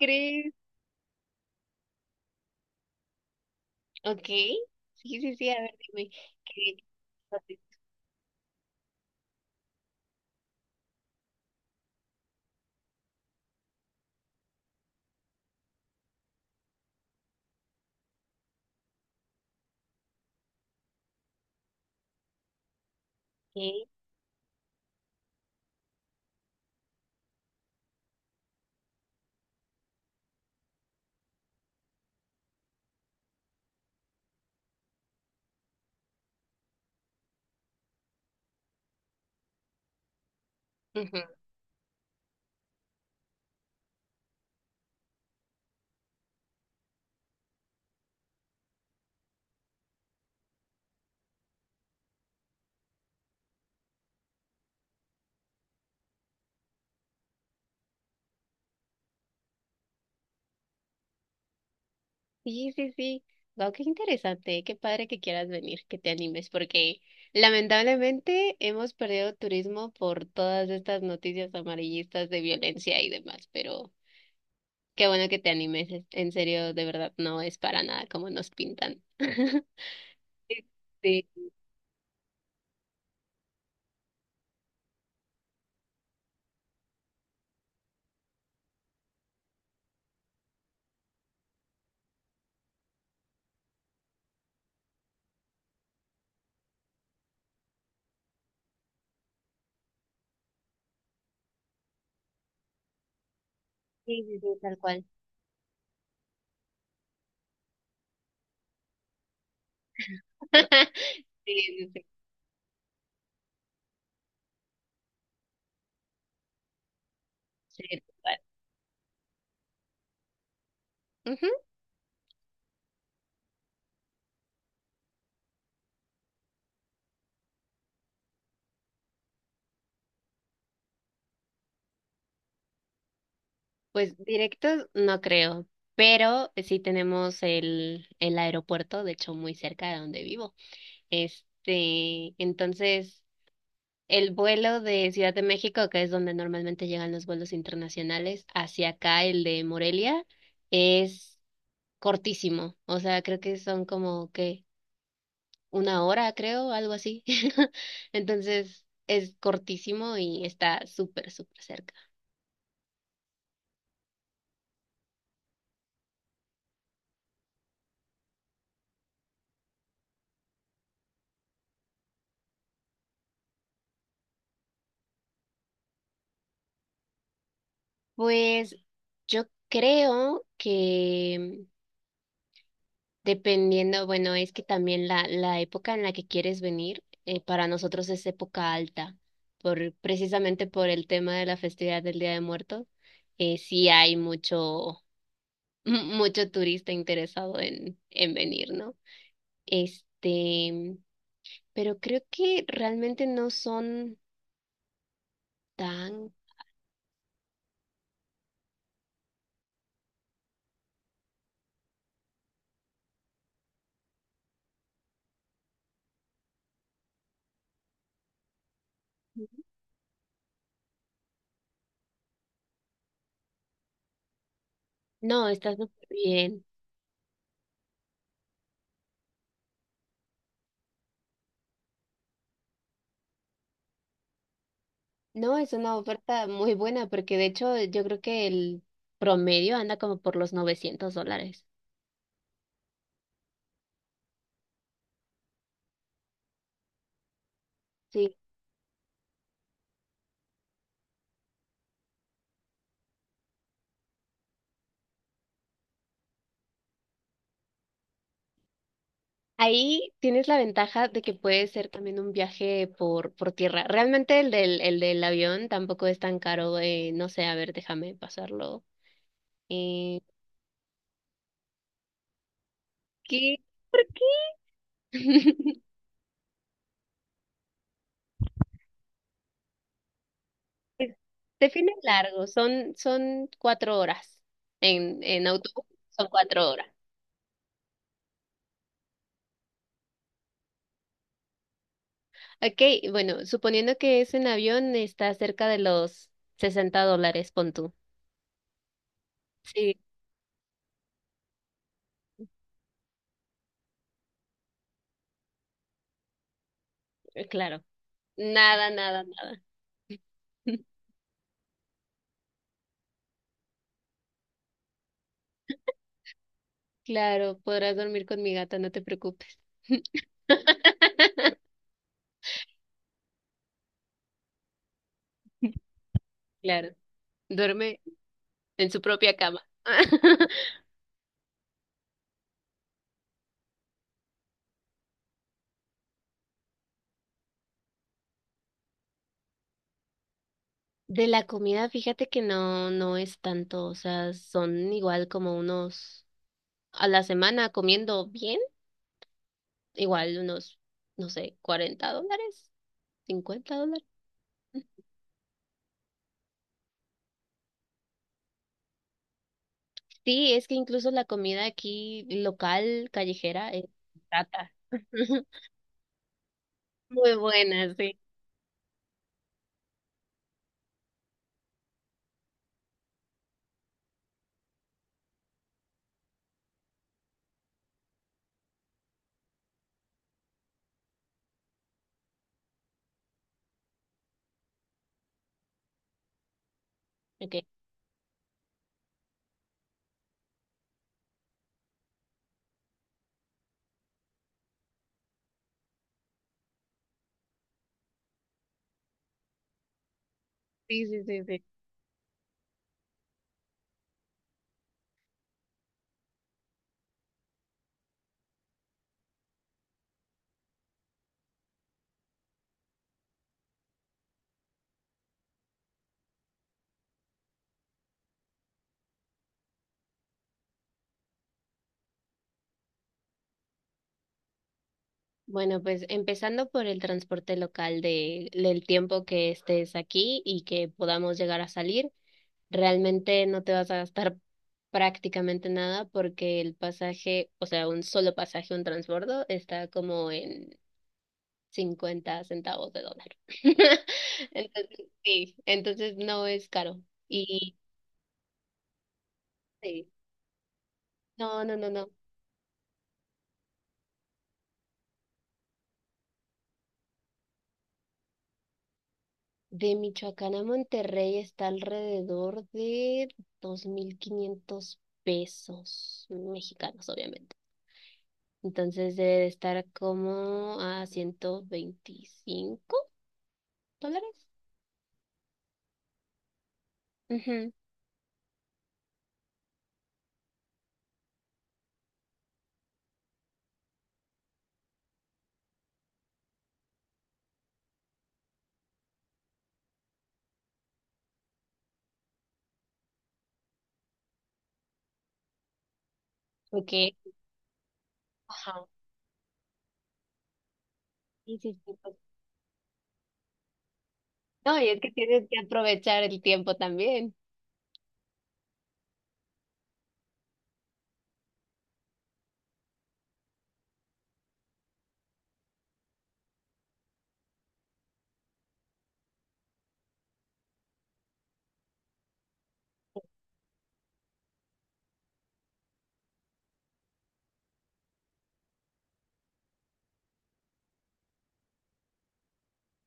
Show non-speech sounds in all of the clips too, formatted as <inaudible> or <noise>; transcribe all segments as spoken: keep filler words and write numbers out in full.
¿Crees? Ok. Sí, sí, sí, a ver, dime. ¿Qué? ¿Qué? Ujú. Sí, sí, sí. Wow, qué interesante. Qué padre que quieras venir, que te animes, porque lamentablemente hemos perdido turismo por todas estas noticias amarillistas de violencia y demás, pero qué bueno que te animes. es- En serio, de verdad, no es para nada como nos pintan. <laughs> Sí, sí, sí, sí, tal cual. <laughs> Sí, sí, sí, sí, tal cual. Pues directos no creo, pero sí tenemos el, el aeropuerto, de hecho muy cerca de donde vivo. Este, entonces, el vuelo de Ciudad de México, que es donde normalmente llegan los vuelos internacionales, hacia acá, el de Morelia, es cortísimo. O sea, creo que son como que una hora, creo, algo así. <laughs> Entonces, es cortísimo y está súper, súper cerca. Pues yo creo que dependiendo, bueno, es que también la, la época en la que quieres venir, eh, para nosotros es época alta, por, precisamente por el tema de la festividad del Día de Muertos, eh, sí hay mucho, <laughs> mucho turista interesado en, en venir, ¿no? Este, pero creo que realmente no son tan... No, está súper bien. No, es una oferta muy buena porque de hecho yo creo que el promedio anda como por los novecientos dólares. Sí. Ahí tienes la ventaja de que puede ser también un viaje por, por tierra. Realmente el del, el del avión tampoco es tan caro. Eh, no sé, a ver, déjame pasarlo. Eh, ¿Qué? ¿Por qué? <laughs> Es- Se fin es largo, son, son cuatro horas. En, en autobús son cuatro horas. Ok, bueno, suponiendo que es en avión, está cerca de los sesenta dólares, pon tú. Sí, claro. Nada, nada, nada. <laughs> Claro, podrás dormir con mi gata, no te preocupes. <laughs> Claro, duerme en su propia cama. <laughs> De la comida, fíjate que no, no es tanto, o sea, son igual como unos a la semana comiendo bien, igual unos, no sé, cuarenta dólares, cincuenta dólares. Sí, es que incluso la comida aquí local, callejera, es barata. <laughs> Muy buena, sí. Okay. Sí, sí, sí, sí. Bueno, pues empezando por el transporte local de, del tiempo que estés aquí y que podamos llegar a salir, realmente no te vas a gastar prácticamente nada porque el pasaje, o sea, un solo pasaje, un transbordo, está como en cincuenta centavos de dólar. <laughs> Entonces, sí, entonces no es caro. Y sí, no, no, no, no. De Michoacán a Monterrey está alrededor de dos mil quinientos pesos mexicanos, obviamente. Entonces debe de estar como a ciento veinticinco dólares. Ujú, ok. Ajá. Sí, sí, sí, pues. No, y es que tienes que aprovechar el tiempo también.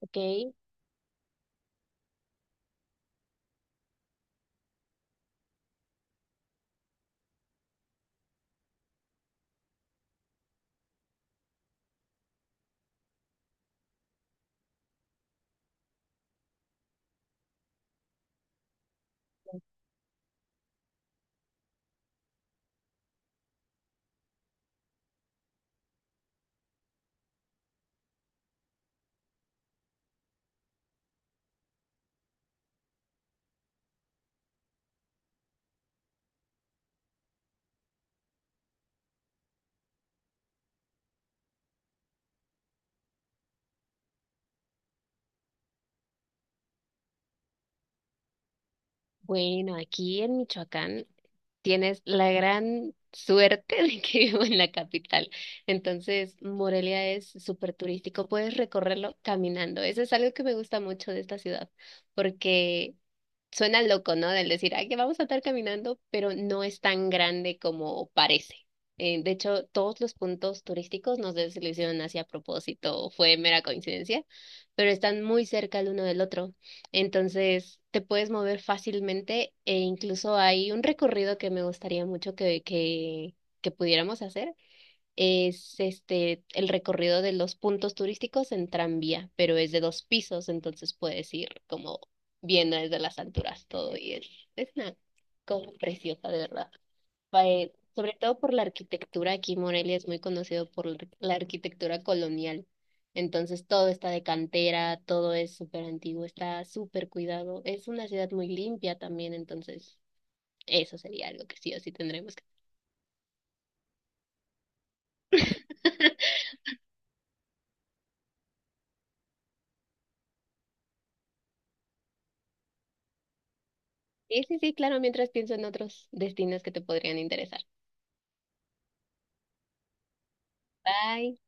Ok. Bueno, aquí en Michoacán tienes la gran suerte de que <laughs> vivo en la capital. Entonces, Morelia es súper turístico, puedes recorrerlo caminando. Eso es algo que me gusta mucho de esta ciudad, porque suena loco, ¿no? Del decir, ay, que vamos a estar caminando, pero no es tan grande como parece. Eh, de hecho, todos los puntos turísticos, no sé si lo hicieron así a propósito o fue mera coincidencia, pero están muy cerca el uno del otro. Entonces, te puedes mover fácilmente e incluso hay un recorrido que me gustaría mucho que, que, que pudiéramos hacer es este el recorrido de los puntos turísticos en tranvía, pero es de dos pisos, entonces puedes ir como viendo desde las alturas todo y es, es una cosa preciosa, de verdad. Va, eh, sobre todo por la arquitectura, aquí Morelia es muy conocido por la la arquitectura colonial, entonces todo está de cantera, todo es súper antiguo, está súper cuidado, es una ciudad muy limpia también, entonces eso sería algo que sí o sí tendremos que... <laughs> Sí, sí, sí, claro, mientras pienso en otros destinos que te podrían interesar. Bye.